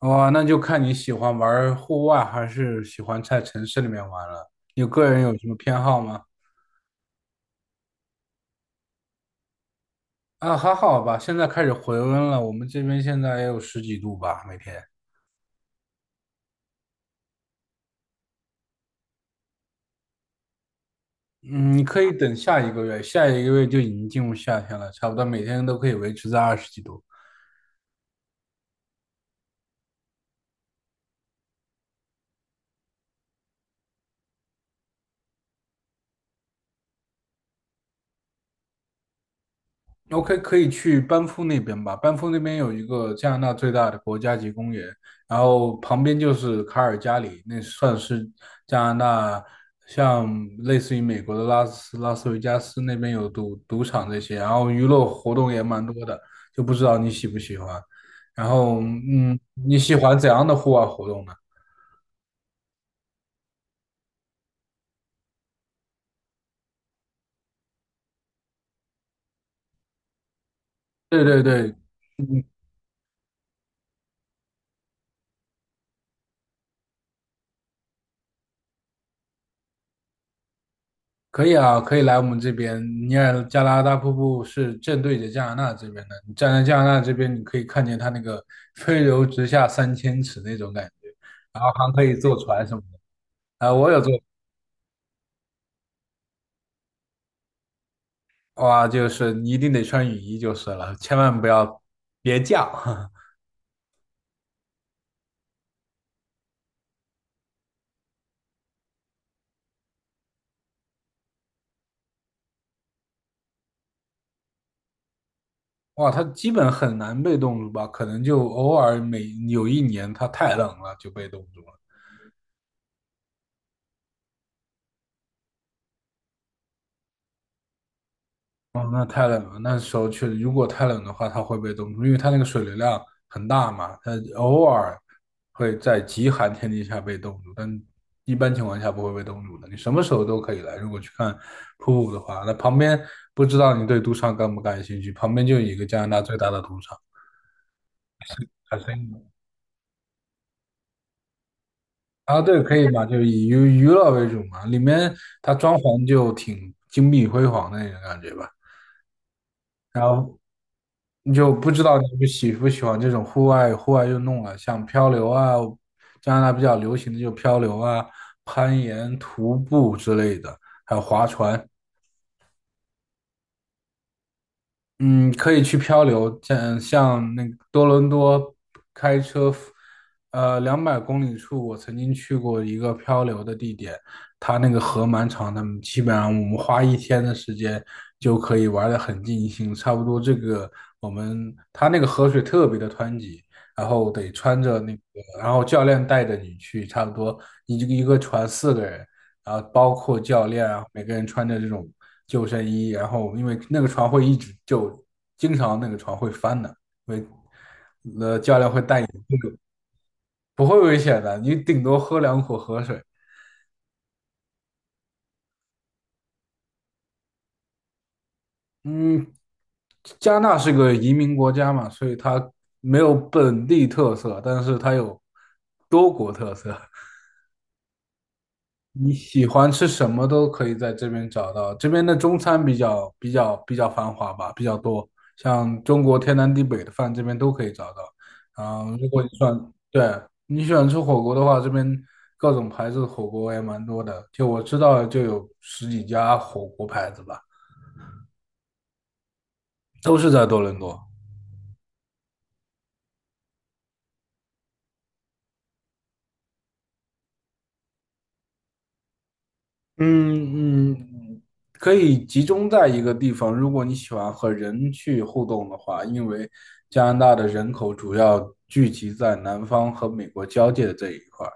哇，那就看你喜欢玩户外还是喜欢在城市里面玩了。你个人有什么偏好吗？啊，还好吧，现在开始回温了，我们这边现在也有十几度吧，每天。嗯，你可以等下一个月，下一个月就已经进入夏天了，差不多每天都可以维持在二十几度。OK，可以去班夫那边吧。班夫那边有一个加拿大最大的国家级公园，然后旁边就是卡尔加里，那算是加拿大像类似于美国的拉斯维加斯那边有赌场这些，然后娱乐活动也蛮多的，就不知道你喜不喜欢。然后，你喜欢怎样的户外活动呢？对对对，可以啊，可以来我们这边。尼亚加拉大瀑布是正对着加拿大这边的，你站在加拿大这边，你可以看见它那个 “飞流直下三千尺"那种感觉，然后还可以坐船什么的。啊、我有坐，哇，就是你一定得穿雨衣就是了，千万不要别降。哇，它基本很难被冻住吧？可能就偶尔有一年它太冷了就被冻住了。哦，那太冷了。那时候确实，如果太冷的话，它会被冻住，因为它那个水流量很大嘛，它偶尔会在极寒天气下被冻住，但一般情况下不会被冻住的。你什么时候都可以来。如果去看瀑布的话，那旁边不知道你对赌场感不感兴趣？旁边就有一个加拿大最大的赌场，海参啊，对，可以嘛，就以娱乐为主嘛，里面它装潢就挺金碧辉煌的那种感觉吧。然后你就不知道你们喜不喜欢这种户外运动了，像漂流啊，加拿大比较流行的就漂流啊、攀岩、徒步之类的，还有划船。嗯，可以去漂流，像那个多伦多开车，200公里处，我曾经去过一个漂流的地点，它那个河蛮长的，基本上我们花一天的时间就可以玩的很尽兴，差不多这个我们它那个河水特别的湍急，然后得穿着那个，然后教练带着你去，差不多一个一个船四个人，然后包括教练啊，每个人穿着这种。救生衣，然后因为那个船会一直救，经常那个船会翻的，危不会危险的，你顶多喝两口河水。嗯，加纳是个移民国家嘛，所以它没有本地特色，但是它有多国特色。你喜欢吃什么都可以在这边找到，这边的中餐比较繁华吧，比较多，像中国天南地北的饭这边都可以找到。如果你喜欢，对，你喜欢吃火锅的话，这边各种牌子的火锅也蛮多的，就我知道就有十几家火锅牌子吧，都是在多伦多。嗯嗯，可以集中在一个地方。如果你喜欢和人去互动的话，因为加拿大的人口主要聚集在南方和美国交界的这一块儿。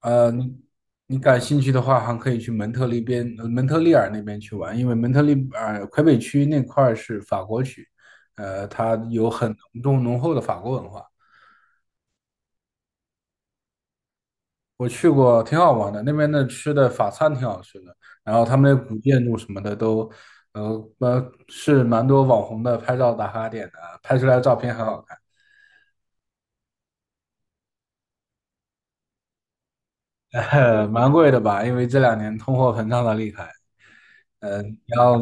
呃，你你感兴趣的话，还可以去蒙特利尔那边去玩，因为蒙特利尔魁北区那块儿是法国区，它有很浓重浓厚的法国文化。我去过，挺好玩的。那边的吃的法餐挺好吃的，然后他们的古建筑什么的都，呃是蛮多网红的拍照打卡点的，拍出来的照片很好看。蛮贵的吧？因为这两年通货膨胀的厉害。呃，你要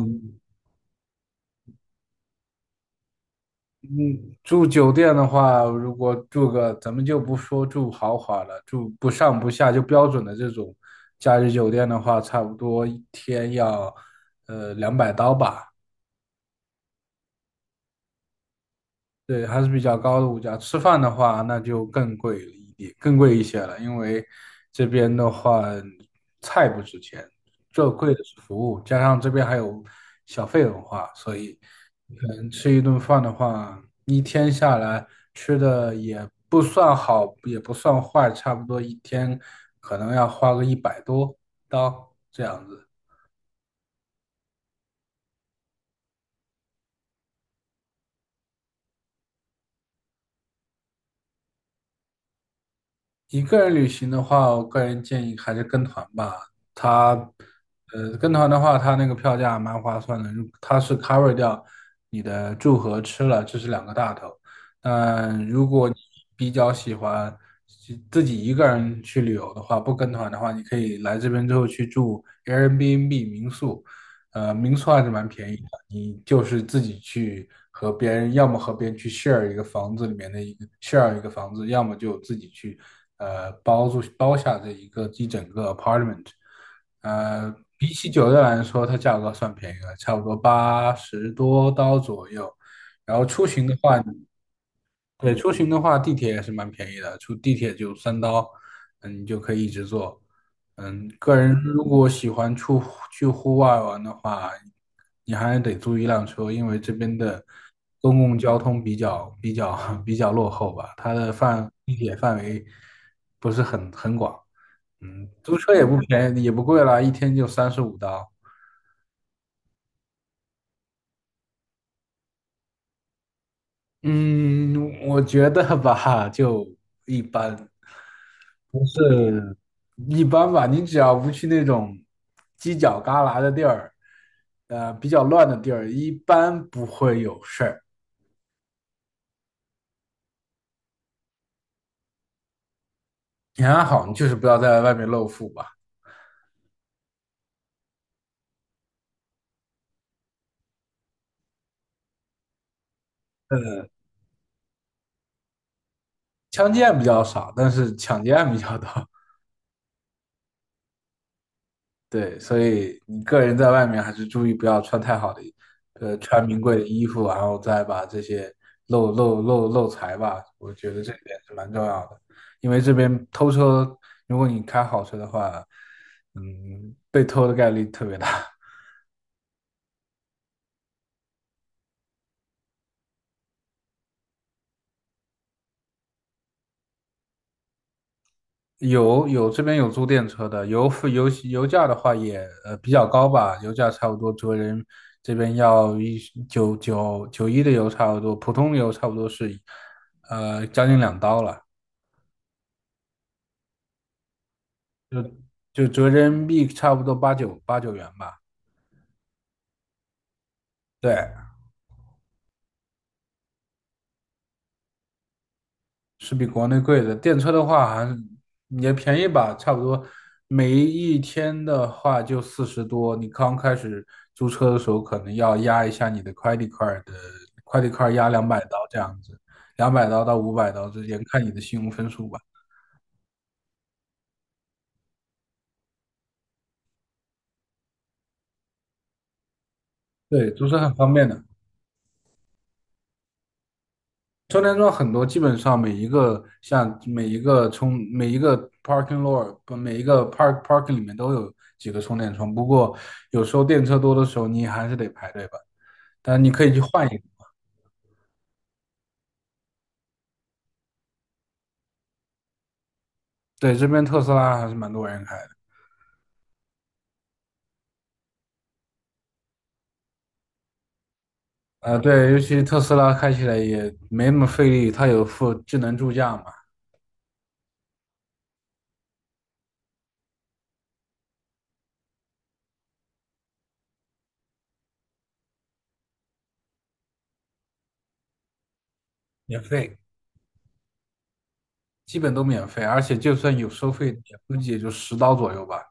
嗯住酒店的话，如果住个咱们就不说住豪华了，住不上不下就标准的这种假日酒店的话，差不多一天要两百刀吧。对，还是比较高的物价。吃饭的话，那就更贵了一点，更贵一些了，因为这边的话，菜不值钱，最贵的是服务，加上这边还有小费文化，所以，可能吃一顿饭的话，一天下来吃的也不算好，也不算坏，差不多一天可能要花个100多刀这样子。一个人旅行的话，我个人建议还是跟团吧。它，跟团的话，它那个票价蛮划算的，如它是 cover 掉你的住和吃了，这是两个大头。但如果你比较喜欢自己一个人去旅游的话，不跟团的话，你可以来这边之后去住 Airbnb 民宿，民宿还是蛮便宜的。你就是自己去和别人，要么和别人去 share 一个房子里面的一个 share 一个房子，要么就自己去包下这一整个 apartment。比起酒店来说，它价格算便宜了，差不多80多刀左右。然后出行的话，你对，出行的话，地铁也是蛮便宜的，出地铁就3刀，你就可以一直坐。个人如果喜欢出去户外玩的话，你还得租一辆车，因为这边的公共交通比较比较 比较落后吧，它的地铁范围不是很广。租车也不便宜，也不贵啦，一天就35刀。嗯，我觉得吧，就一般。不是一般吧，你只要不去那种犄角旮旯的地儿，比较乱的地儿，一般不会有事儿。你还好，你就是不要在外面露富吧。呃，枪击案比较少，但是抢劫案比较多。对，所以你个人在外面还是注意不要穿太好的，穿名贵的衣服，然后再把这些漏财吧，我觉得这一点是蛮重要的。因为这边偷车，如果你开好车的话，被偷的概率特别大。有这边有租电车的，油费油油价的话也比较高吧，油价差不多这边要一九九九一的油差不多，普通油差不多是将近2刀了。就就折人民币差不多八九元吧，对，是比国内贵的。电车的话还是也便宜吧，差不多每一天的话就40多。你刚开始租车的时候，可能要压一下你的 credit card 压200刀这样子，200刀到500刀之间，看你的信用分数吧。对，租车很方便的。充电桩很多，基本上每一个 parking lot 不每一个 park parking 里面都有几个充电桩，不过有时候电车多的时候你还是得排队吧。但你可以去换一个。对，这边特斯拉还是蛮多人开的。对，尤其特斯拉开起来也没那么费力，它有附智能助驾嘛，免费，基本都免费，而且就算有收费，也估计也就10刀左右吧。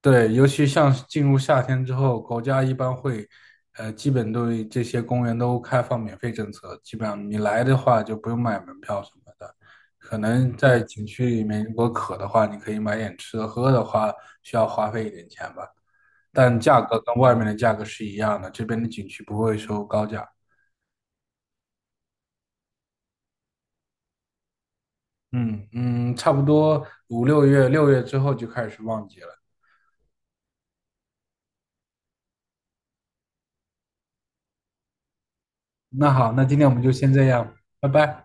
对，尤其像是进入夏天之后，国家一般会，基本对这些公园都开放免费政策，基本上你来的话就不用买门票什么的。可能在景区里面，如果渴的话，你可以买点吃的；喝的话，需要花费一点钱吧，但价格跟外面的价格是一样的，这边的景区不会收高价。嗯嗯，差不多5、6月，六月之后就开始旺季了。那好，那今天我们就先这样，拜拜。